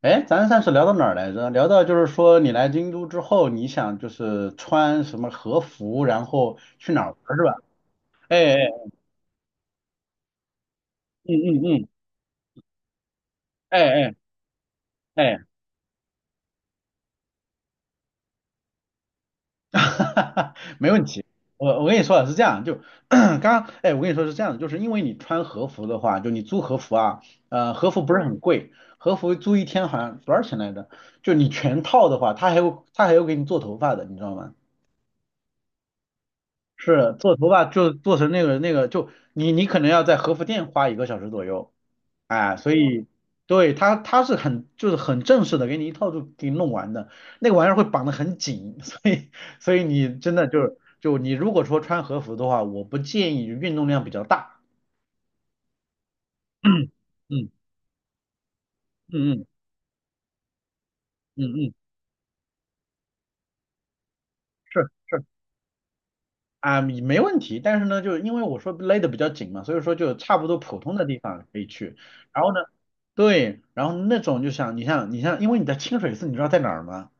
哎，咱上次聊到哪儿来着？聊到就是说你来京都之后，你想就是穿什么和服，然后去哪儿玩儿是吧？哎哎，嗯嗯嗯，哎哎哎，没问题。我跟你说啊，是这样，就 刚刚哎，我跟你说是这样的，就是因为你穿和服的话，就你租和服啊，和服不是很贵，和服租一天好像多少钱来着？就你全套的话，他还有给你做头发的，你知道吗？是做头发就做成那个，就你可能要在和服店花1个小时左右，哎，所以，对，他是很就是很正式的，给你一套就给你弄完的，那个玩意儿会绑得很紧，所以你真的就是就你如果说穿和服的话，我不建议运动量比较大。嗯嗯嗯嗯嗯嗯，是是。啊，没问题，但是呢，就是因为我说勒得比较紧嘛，所以说就差不多普通的地方可以去。然后呢，对，然后那种就像你，因为你在清水寺，你知道在哪儿吗？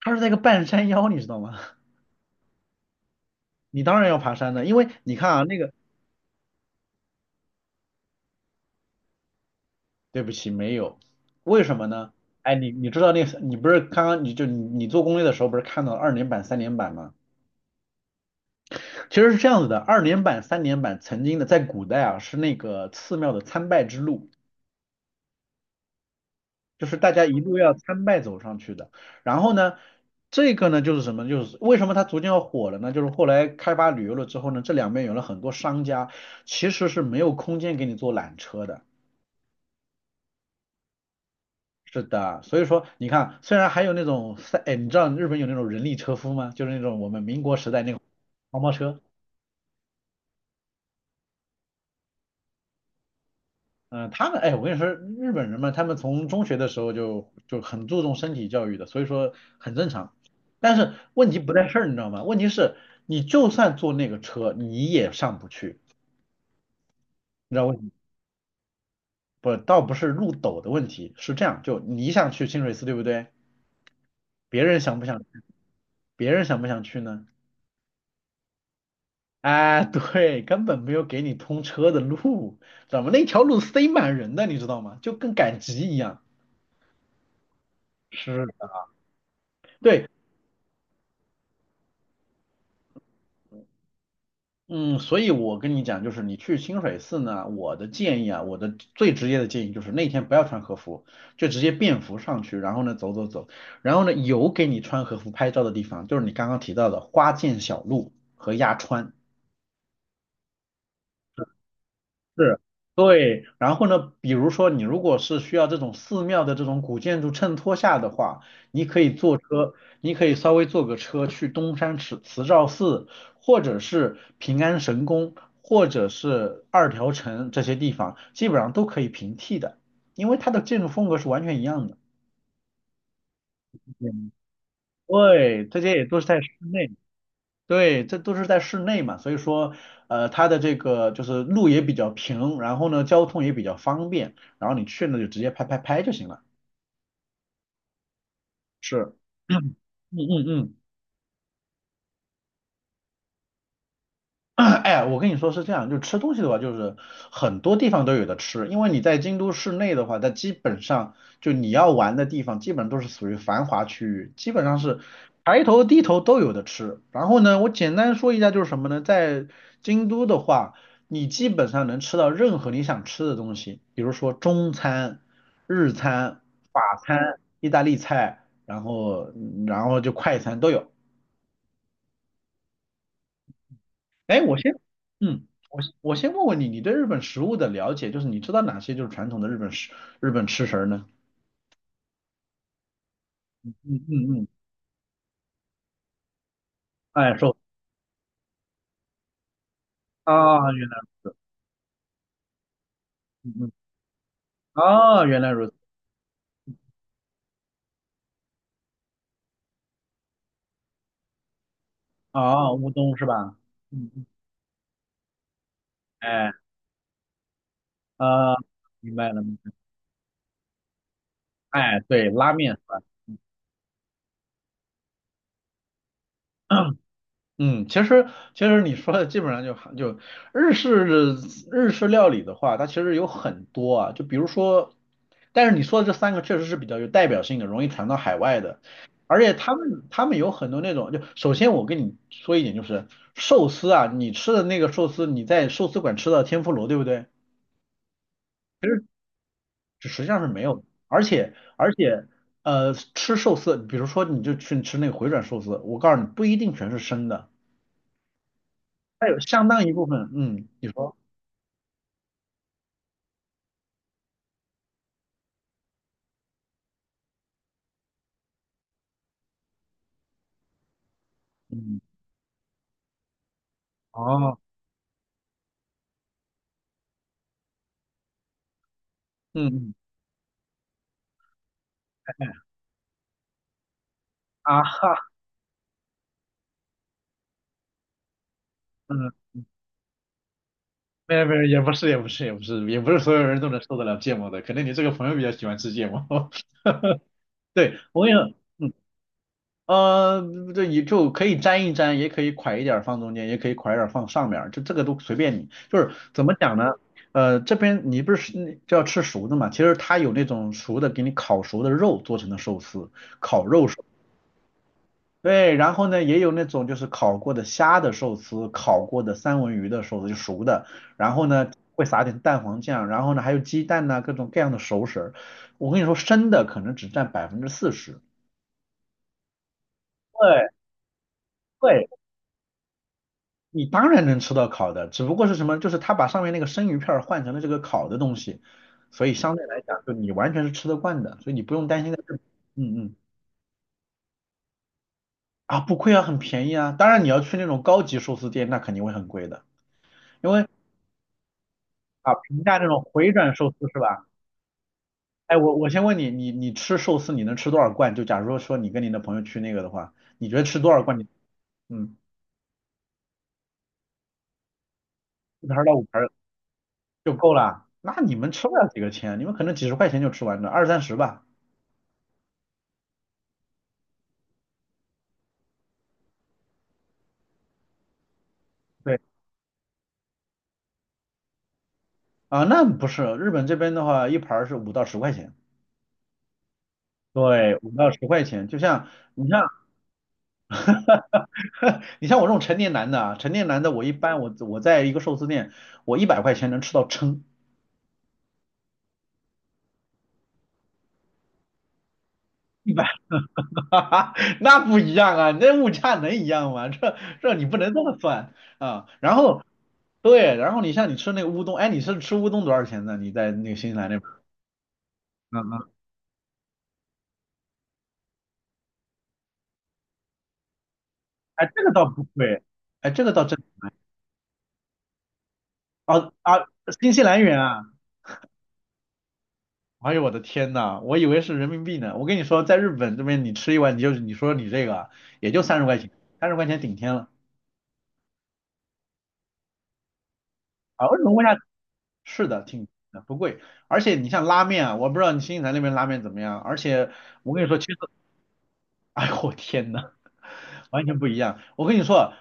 它是在一个半山腰，你知道吗？你当然要爬山的，因为你看啊，那个对不起，没有，为什么呢？哎，你知道那个你不是刚刚你就你你做攻略的时候不是看到了二连板、三连板吗？其实是这样子的，二连板、三连板曾经的在古代啊是那个寺庙的参拜之路。就是大家一路要参拜走上去的。然后呢，这个呢就是什么？就是为什么它逐渐要火了呢？就是后来开发旅游了之后呢，这两边有了很多商家，其实是没有空间给你做缆车的。是的，所以说你看，虽然还有那种三，哎，你知道日本有那种人力车夫吗？就是那种我们民国时代那种黄包车。嗯，他们哎，我跟你说，日本人嘛，他们从中学的时候就很注重身体教育的，所以说很正常。但是问题不在这儿，你知道吗？问题是，你就算坐那个车，你也上不去，你知道为什么？不，倒不是路陡的问题，是这样，就你想去清水寺，对不对？别人想不想去？别人想不想去呢？哎，对，根本没有给你通车的路，知道吗？那条路塞满人的，你知道吗？就跟赶集一样。是的，对，嗯，所以我跟你讲，就是你去清水寺呢，我的建议啊，我的最直接的建议就是那天不要穿和服，就直接便服上去，然后呢走走走，然后呢有给你穿和服拍照的地方，就是你刚刚提到的花见小路和鸭川。是，对。然后呢，比如说你如果是需要这种寺庙的这种古建筑衬托下的话，你可以坐车，你可以稍微坐个车去东山慈照寺，或者是平安神宫，或者是二条城这些地方，基本上都可以平替的，因为它的建筑风格是完全一样的。对，这些也都是在室内。对，这都是在室内嘛，所以说，它的这个就是路也比较平，然后呢，交通也比较方便，然后你去呢就直接拍拍拍就行了。是，嗯嗯嗯。哎，我跟你说是这样，就吃东西的话，就是很多地方都有的吃，因为你在京都市内的话，它基本上就你要玩的地方，基本都是属于繁华区域，基本上是抬头低头都有的吃。然后呢，我简单说一下就是什么呢，在京都的话，你基本上能吃到任何你想吃的东西，比如说中餐、日餐、法餐、意大利菜，然后就快餐都有。哎，我先，嗯，我先我先问问你，你对日本食物的了解，就是你知道哪些就是传统的日本吃食儿呢？嗯嗯嗯，哎，说啊，原来，嗯嗯，啊，原来如此，啊，乌冬是吧？嗯嗯，哎，啊，明白了，哎，对，拉面，嗯，其实你说的基本上就日式日式料理的话，它其实有很多啊，就比如说，但是你说的这三个确实是比较有代表性的，容易传到海外的，而且他们有很多那种，就首先我跟你说一点就是寿司啊，你吃的那个寿司，你在寿司馆吃到天妇罗，对不对？就实际上是没有的。而且吃寿司，比如说你就去吃那个回转寿司，我告诉你不一定全是生的，它有相当一部分，嗯，你说。嗯，哦，嗯嗯，啊哈，嗯，没有没有，也不是所有人都能受得了芥末的，可能你这个朋友比较喜欢吃芥末。哈哈，对，我跟你也，嗯，对，你就可以沾一沾，也可以㧟一点儿放中间，也可以㧟一点儿放上面儿，就这个都随便你。就是怎么讲呢？这边你不是就要吃熟的嘛？其实它有那种熟的，给你烤熟的肉做成的寿司。对，然后呢，也有那种就是烤过的虾的寿司，烤过的三文鱼的寿司，就熟的。然后呢，会撒点蛋黄酱，然后呢，还有鸡蛋呐、各种各样的熟食儿。我跟你说，生的可能只占40%。对，对，你当然能吃到烤的，只不过是什么，就是他把上面那个生鱼片儿换成了这个烤的东西，所以相对来讲，就你完全是吃得惯的，所以你不用担心在这。嗯嗯，啊，不亏啊，很便宜啊。当然你要去那种高级寿司店，那肯定会很贵的啊。评价这种回转寿司是吧？哎，我先问你，你吃寿司你能吃多少罐？就假如说你跟你的朋友去那个的话，你觉得吃多少罐你？嗯，一盘儿到五盘儿就够了。那你们吃不了几个钱，你们可能几十块钱就吃完了，二三十吧。对啊，那不是日本这边的话，一盘儿是五到十块钱。对，五到十块钱，就像你像 你像我这种成年男的啊，成年男的我一般我在一个寿司店，我100块钱能吃到撑。一百。哈哈，那不一样啊！那物价能一样吗？这你不能这么算啊！然后，对，然后你像你吃那个乌冬，哎，你是吃乌冬多少钱呢？你在那个新西兰那边？嗯嗯，哎，这个倒不贵，哎，这个倒真啊啊，新西兰元啊！哎呦我的天呐，我以为是人民币呢。我跟你说，在日本这边你吃一碗，你就你说你这个啊也就三十块钱，三十块钱顶天了啊！为什么物价是的，挺不贵，而且你像拉面啊，我不知道你新西兰那边拉面怎么样，而且我跟你说，其实。哎呦我天呐，完全不一样。我跟你说，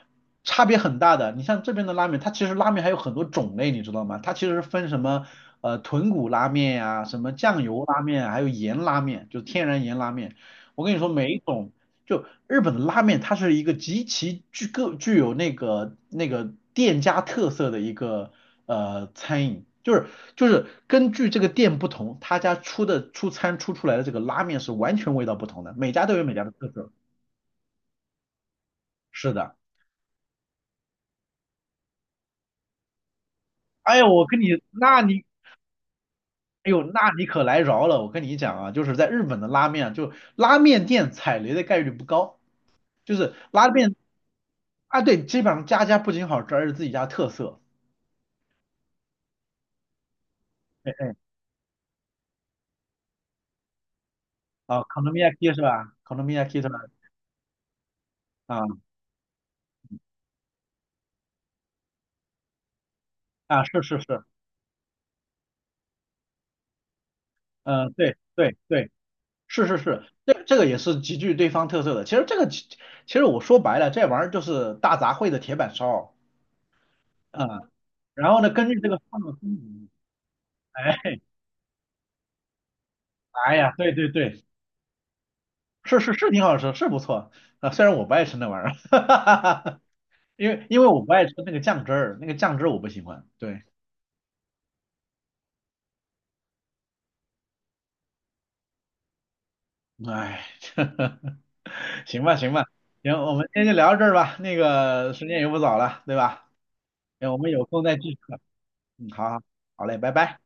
差别很大的。你像这边的拉面，它其实拉面还有很多种类，你知道吗？它其实分什么豚骨拉面呀、什么酱油拉面啊，还有盐拉面，就是天然盐拉面。我跟你说，每一种就日本的拉面，它是一个极其具有那个店家特色的一个餐饮。就是根据这个店不同，他家出的出餐出出来的这个拉面是完全味道不同的，每家都有每家的特色。是的，哎呀，我跟你，那你，哎呦，那你可来饶了！我跟你讲啊，就是在日本的拉面啊，就拉面店踩雷的概率不高，就是拉面啊，对，基本上家家不仅好吃，而且自己家特色。哎哎，啊，konomiyaki 是吧？konomiyaki 是吧？啊啊，是是是，嗯、对对对，是是是，这个也是极具对方特色的。其实其实我说白了，这玩意儿就是大杂烩的铁板烧，嗯，然后呢，根据这个放的风格，哎，哎呀，对对对。是是是，挺好吃，是不错啊。虽然我不爱吃那玩意儿，因为我不爱吃那个酱汁儿，那个酱汁儿我不喜欢。对，哎，行吧行吧，行，我们今天就聊到这儿吧。那个时间也不早了，对吧？行，我们有空再继续。嗯，好好，好嘞，拜拜。